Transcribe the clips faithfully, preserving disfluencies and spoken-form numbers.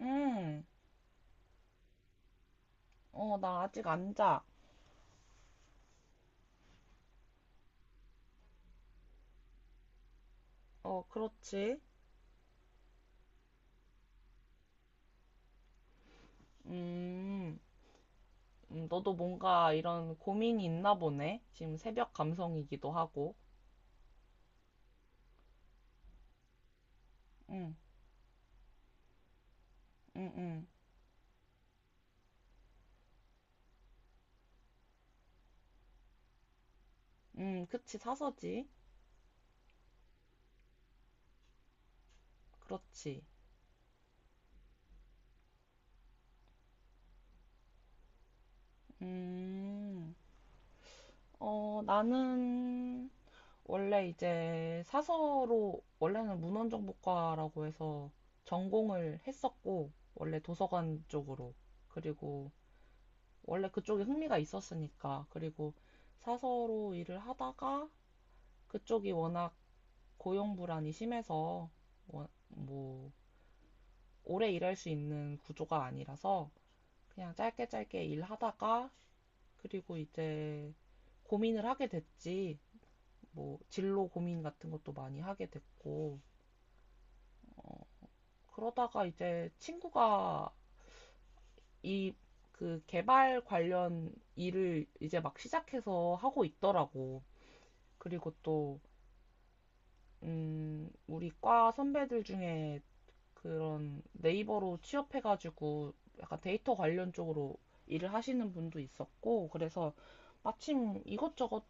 음, 어, 나 아직 안 자. 어, 그렇지. 음, 음, 너도 뭔가 이런 고민이 있나 보네. 지금 새벽 감성이기도 하고. 응. 응. 응. 음, 그치, 사서지. 그렇지. 음, 어, 나는 원래 이제 사서로, 원래는 문헌정보과라고 해서 전공을 했었고, 원래 도서관 쪽으로. 그리고 원래 그쪽에 흥미가 있었으니까. 그리고 사서로 일을 하다가 그쪽이 워낙 고용 불안이 심해서 뭐 오래 일할 수 있는 구조가 아니라서 그냥 짧게 짧게 일하다가 그리고 이제 고민을 하게 됐지. 뭐 진로 고민 같은 것도 많이 하게 됐고 그러다가 이제 친구가 이 그 개발 관련 일을 이제 막 시작해서 하고 있더라고. 그리고 또 음, 우리 과 선배들 중에 그런 네이버로 취업해가지고 약간 데이터 관련 쪽으로 일을 하시는 분도 있었고, 그래서 마침 이것저것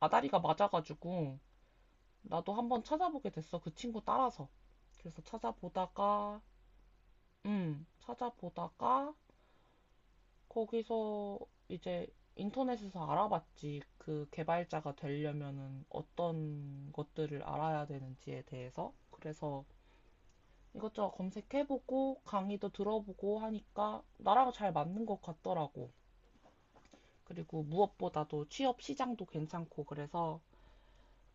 아다리가 맞아가지고 나도 한번 찾아보게 됐어. 그 친구 따라서. 그래서 찾아보다가, 음, 찾아보다가 거기서 이제 인터넷에서 알아봤지. 그 개발자가 되려면은 어떤 것들을 알아야 되는지에 대해서. 그래서 이것저것 검색해보고 강의도 들어보고 하니까 나랑 잘 맞는 것 같더라고. 그리고 무엇보다도 취업 시장도 괜찮고 그래서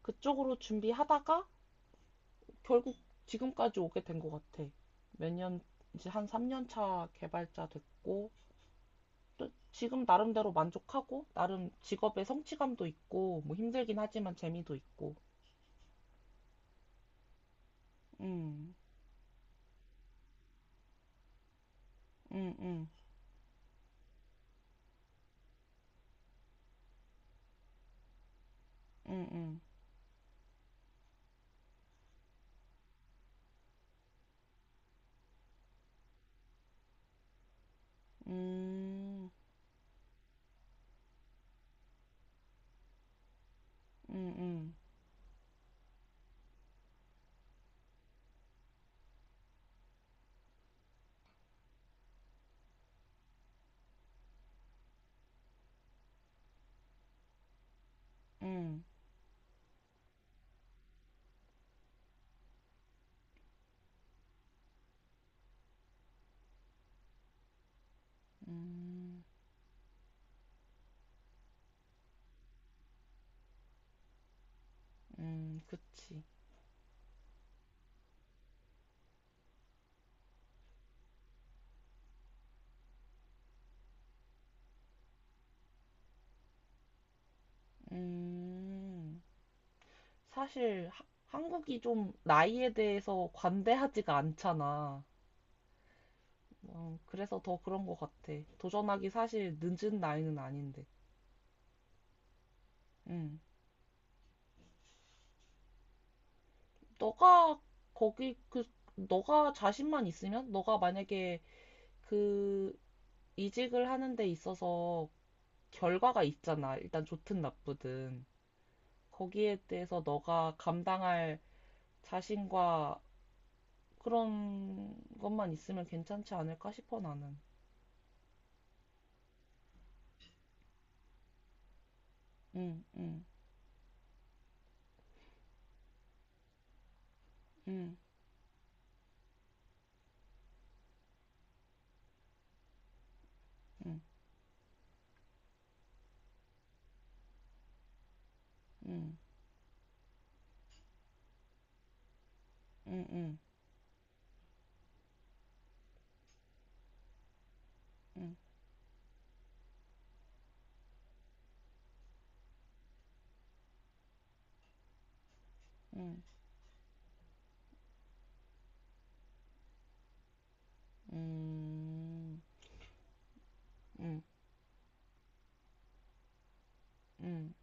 그쪽으로 준비하다가 결국 지금까지 오게 된 것 같아. 몇 년, 이제 한 삼 년 차 개발자 됐고 또 지금 나름대로 만족하고 나름 직업의 성취감도 있고 뭐 힘들긴 하지만 재미도 있고. 음, 음, 음, 음, 음, 음, 음, 음, 음, 음. 음, 그치. 음, 사실 하- 한국이 좀 나이에 대해서 관대하지가 않잖아. 어, 그래서 더 그런 것 같아. 도전하기 사실 늦은 나이는 아닌데. 음, 너가 거기 그 너가 자신만 있으면 너가 만약에 그 이직을 하는 데 있어서 결과가 있잖아. 일단 좋든 나쁘든. 거기에 대해서 너가 감당할 자신과 그런 것만 있으면 괜찮지 않을까 싶어 나는. 응, 응, 응, 응, 응, 응, 응, 응, 응, 응, 응, 응,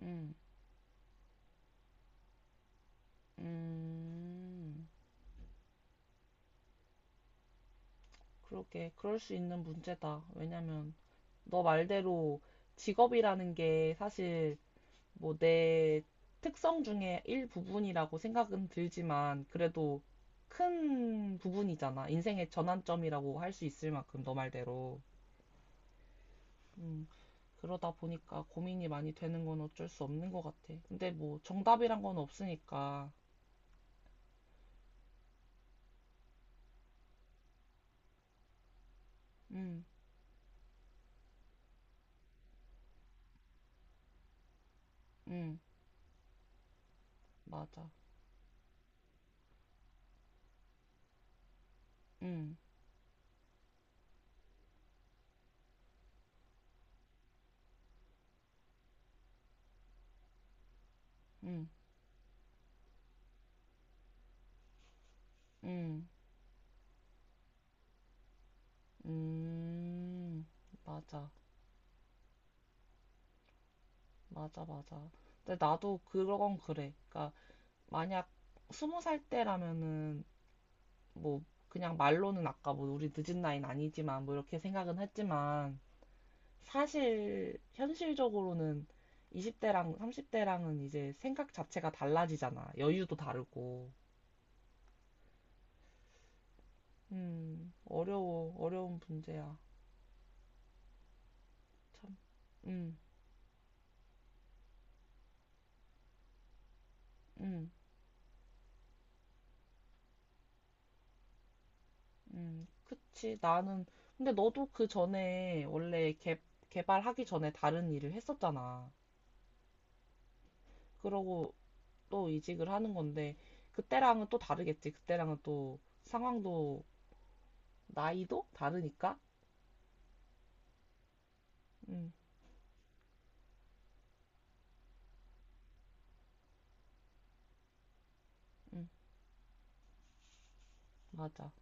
응. 그렇게 그럴 수 있는 문제다. 왜냐면 너 말대로 직업이라는 게 사실 뭐 내 특성 중에 일부분이라고 생각은 들지만 그래도 큰 부분이잖아. 인생의 전환점이라고 할 수 있을 만큼 너 말대로. 음, 그러다 보니까 고민이 많이 되는 건 어쩔 수 없는 것 같아. 근데 뭐 정답이란 건 없으니까. 음, 음, 맞아. 음, 음, 음, 음, 맞아. 맞아, 맞아. 근데 나도 그건 그래. 그러니까 만약 스무 살 때라면은 뭐 그냥 말로는 아까 뭐 우리 늦은 나이는 아니지만 뭐 이렇게 생각은 했지만 사실 현실적으로는 이십 대랑 삼십 대랑은 이제 생각 자체가 달라지잖아. 여유도 다르고. 음, 어려워. 어려운 문제야. 참. 음, 음, 음. 그치. 나는. 근데 너도 그 전에 원래 개, 개발하기 전에 다른 일을 했었잖아. 그러고 또 이직을 하는 건데, 그때랑은 또 다르겠지. 그때랑은 또 상황도, 나이도 다르니까. 음, 음, 맞아.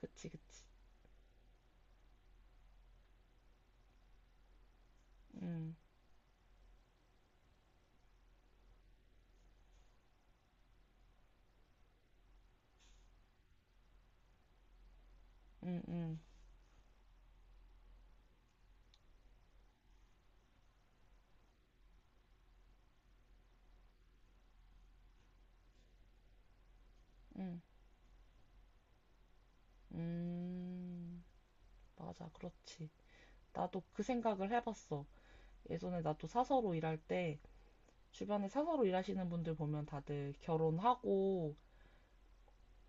그치, 그치. 음. 음, 음, 음, 음, 맞아, 그렇지. 나도 그 생각을 해봤어. 예전에 나도 사서로 일할 때 주변에 사서로 일하시는 분들 보면 다들 결혼하고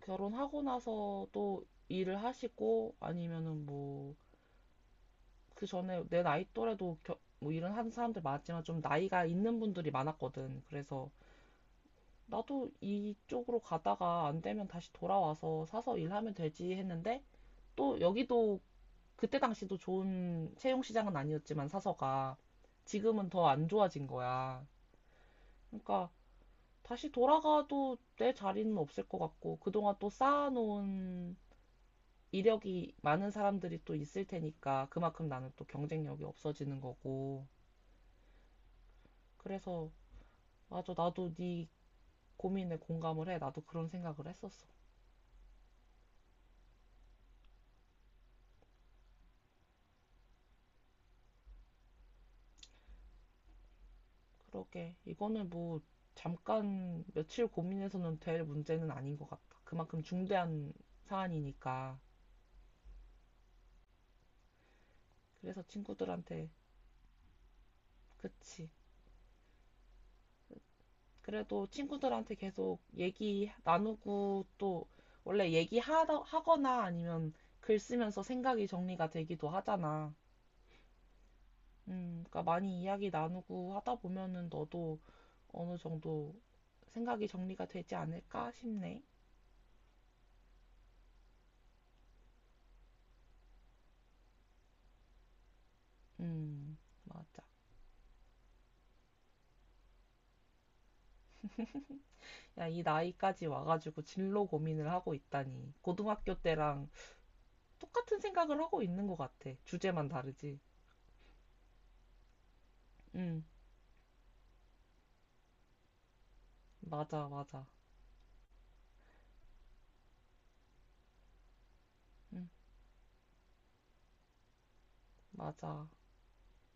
결혼하고 나서 또 일을 하시고 아니면은 뭐 그 전에 내 나이 또래도 겨- 뭐 일은 하는 사람들 많았지만 좀 나이가 있는 분들이 많았거든. 그래서 나도 이쪽으로 가다가 안 되면 다시 돌아와서 사서 일하면 되지 했는데 또 여기도 그때 당시도 좋은 채용 시장은 아니었지만 사서가 지금은 더 안 좋아진 거야. 그러니까 다시 돌아가도 내 자리는 없을 것 같고 그동안 또 쌓아놓은 이력이 많은 사람들이 또 있을 테니까 그만큼 나는 또 경쟁력이 없어지는 거고 그래서 맞아 나도 네 고민에 공감을 해. 나도 그런 생각을 했었어. 그러게 이거는 뭐 잠깐 며칠 고민해서는 될 문제는 아닌 것 같다. 그만큼 중대한 사안이니까. 그래서 친구들한테, 그치. 그래도 친구들한테 계속 얘기 나누고 또 원래 얘기하거나 아니면 글 쓰면서 생각이 정리가 되기도 하잖아. 음, 그러니까 많이 이야기 나누고 하다 보면은 너도 어느 정도 생각이 정리가 되지 않을까 싶네. 음, 맞아. 야, 이 나이까지 와가지고 진로 고민을 하고 있다니. 고등학교 때랑 똑같은 생각을 하고 있는 것 같아. 주제만 다르지. 음, 맞아, 맞아. 음. 맞아.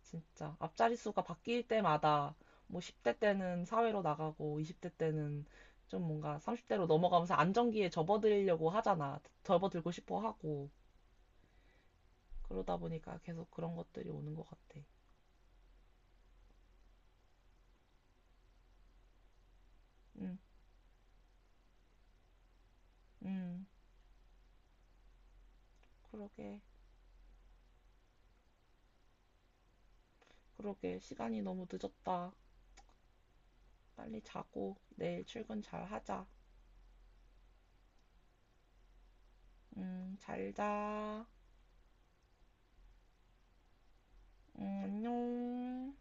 진짜. 앞자리 수가 바뀔 때마다 뭐 십 대 때는 사회로 나가고 이십 대 때는 좀 뭔가 삼십 대로 넘어가면서 안정기에 접어들려고 하잖아. 접어들고 싶어 하고. 그러다 보니까 계속 그런 것들이 오는 것 같아. 응, 응. 그러게. 그러게. 시간이 너무 늦었다. 빨리 자고 내일 출근 잘 하자. 응, 잘 자. 응, 안녕.